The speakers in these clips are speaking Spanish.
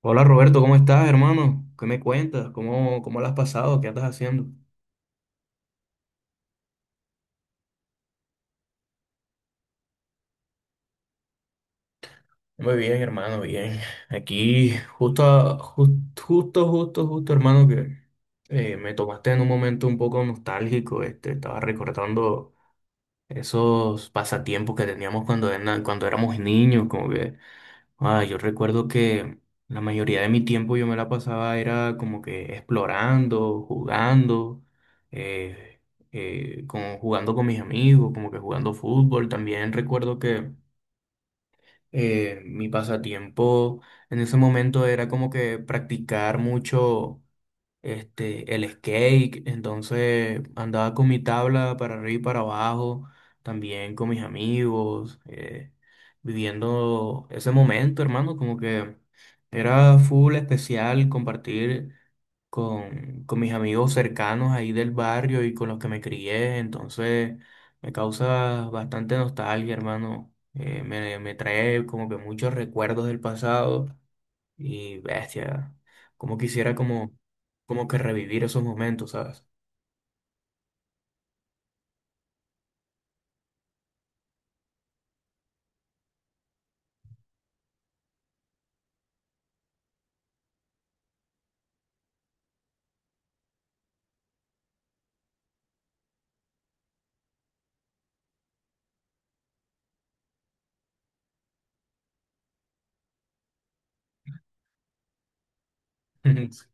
Hola Roberto, ¿cómo estás, hermano? ¿Qué me cuentas? ¿Cómo la has pasado? ¿Qué andas haciendo? Muy bien, hermano, bien. Aquí, Justo, a- jus- justo, justo, justo, hermano, que me tomaste en un momento un poco nostálgico. Este, estaba recordando esos pasatiempos que teníamos cuando éramos niños, como que ah, yo recuerdo que la mayoría de mi tiempo yo me la pasaba era como que explorando, jugando, eh, como jugando con mis amigos, como que jugando fútbol. También recuerdo que mi pasatiempo en ese momento era como que practicar mucho este, el skate, entonces andaba con mi tabla para arriba y para abajo, también con mis amigos, viviendo ese momento, hermano, como que era full especial compartir con mis amigos cercanos ahí del barrio y con los que me crié, entonces me causa bastante nostalgia, hermano, me trae como que muchos recuerdos del pasado. Y bestia, como quisiera como, como que revivir esos momentos, ¿sabes? Ujú.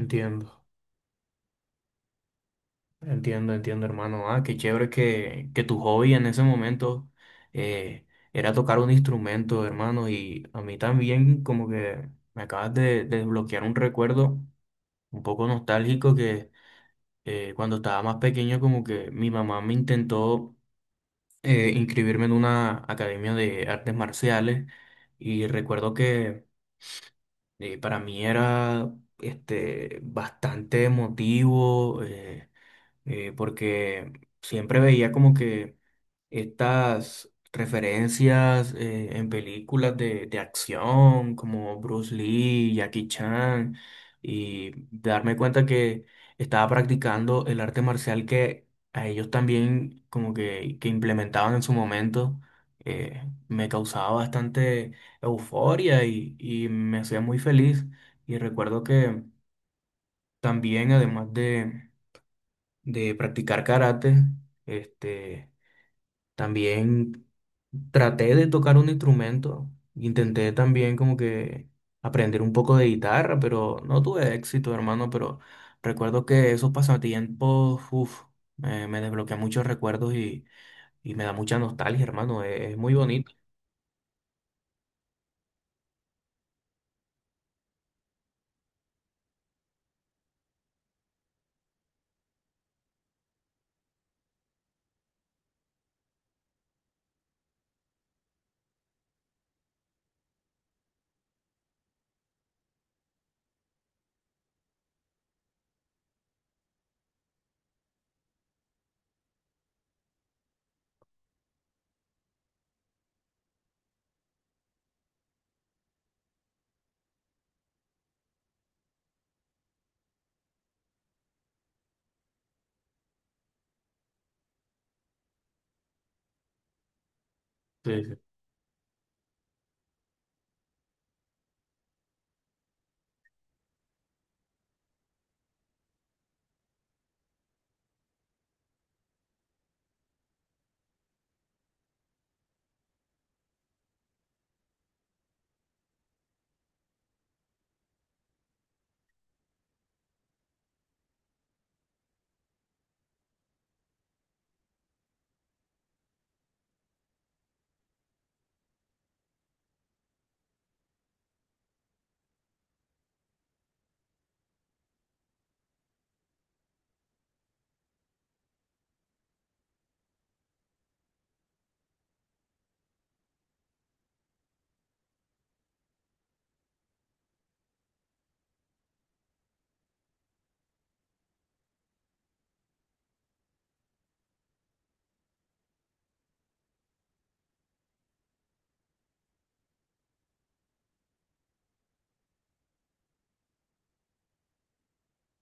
Entiendo, entiendo, entiendo, hermano. Ah, qué chévere que tu hobby en ese momento eh, era tocar un instrumento, hermano. Y a mí también como que me acabas de desbloquear un recuerdo un poco nostálgico que cuando estaba más pequeño como que mi mamá me intentó inscribirme en una academia de artes marciales y recuerdo que para mí era este, bastante emotivo porque siempre veía como que estas referencias en películas de acción como Bruce Lee, Jackie Chan, y darme cuenta que estaba practicando el arte marcial que a ellos también como que implementaban en su momento, eh, me causaba bastante euforia y me hacía muy feliz. Y recuerdo que también, además de practicar karate, este... También traté de tocar un instrumento, intenté también como que aprender un poco de guitarra, pero no tuve éxito, hermano, pero recuerdo que esos pasatiempos, uf, me desbloquea muchos recuerdos y me da mucha nostalgia, hermano, es muy bonito. Sí, sí.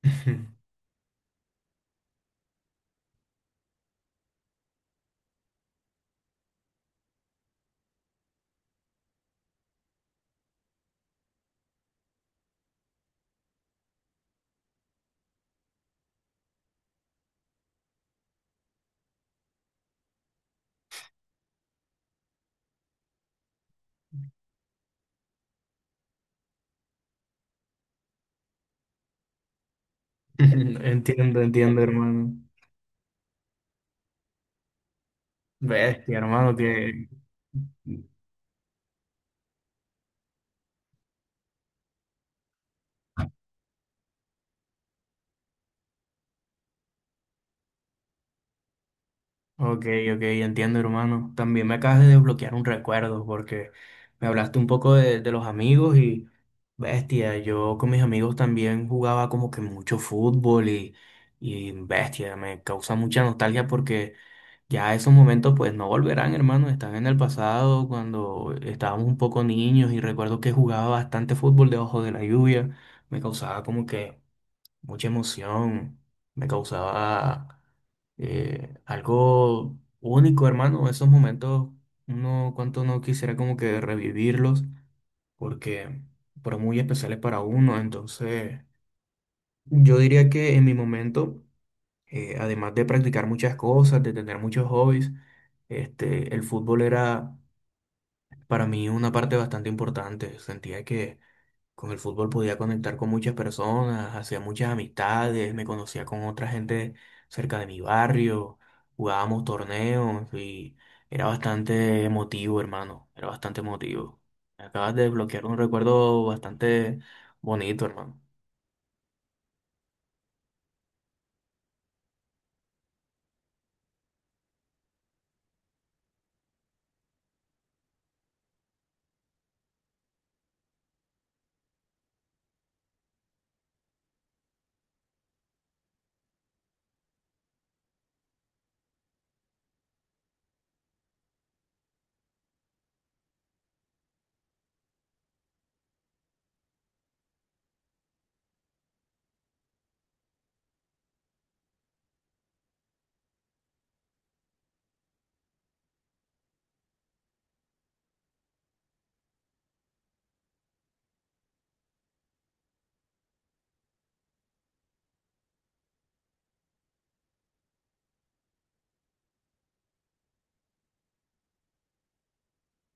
Entiendo, entiendo, hermano. Bestia, hermano, que... Ok, ok, entiendo, hermano. También me acabas de desbloquear un recuerdo porque me hablaste un poco de los amigos y, bestia, yo con mis amigos también jugaba como que mucho fútbol y, bestia, me causa mucha nostalgia porque ya esos momentos pues no volverán, hermano, están en el pasado cuando estábamos un poco niños y recuerdo que jugaba bastante fútbol debajo de la lluvia, me causaba como que mucha emoción, me causaba algo único, hermano. Esos momentos, uno, cuánto no quisiera como que revivirlos, porque fueron muy especiales para uno. Entonces, yo diría que en mi momento, además de practicar muchas cosas, de tener muchos hobbies, este, el fútbol era para mí una parte bastante importante. Sentía que con el fútbol podía conectar con muchas personas, hacía muchas amistades, me conocía con otra gente cerca de mi barrio, jugábamos torneos y era bastante emotivo, hermano, era bastante emotivo. Me acabas de desbloquear un recuerdo bastante bonito, hermano.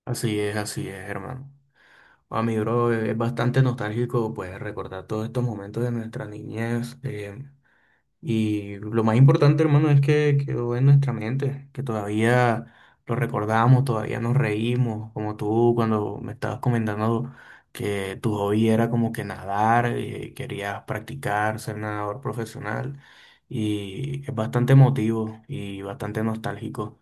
Así es, hermano. A mi bro, es bastante nostálgico, pues, recordar todos estos momentos de nuestra niñez. Y lo más importante, hermano, es que quedó en nuestra mente, que todavía lo recordamos, todavía nos reímos, como tú cuando me estabas comentando que tu hobby era como que nadar, querías practicar, ser nadador profesional, y es bastante emotivo y bastante nostálgico.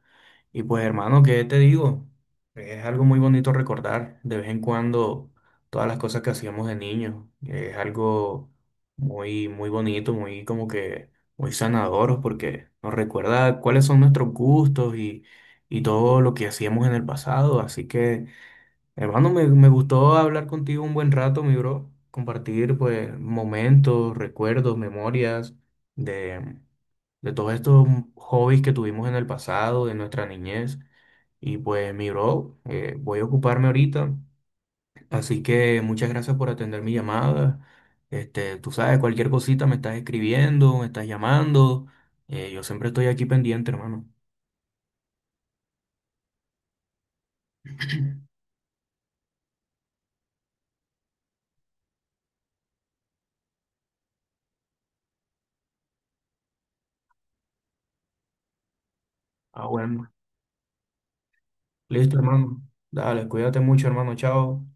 Y pues hermano, ¿qué te digo? Es algo muy bonito recordar de vez en cuando todas las cosas que hacíamos de niños. Es algo muy, muy bonito, muy como que muy sanador porque nos recuerda cuáles son nuestros gustos y todo lo que hacíamos en el pasado. Así que hermano, me gustó hablar contigo un buen rato, mi bro. Compartir, pues, momentos, recuerdos, memorias de, de todos estos hobbies que tuvimos en el pasado, de nuestra niñez. Y pues, mi bro, voy a ocuparme ahorita. Así que muchas gracias por atender mi llamada. Este, tú sabes, cualquier cosita me estás escribiendo, me estás llamando. Yo siempre estoy aquí pendiente, hermano. Ah, bueno. Listo, hermano. Dale, cuídate mucho, hermano. Chao.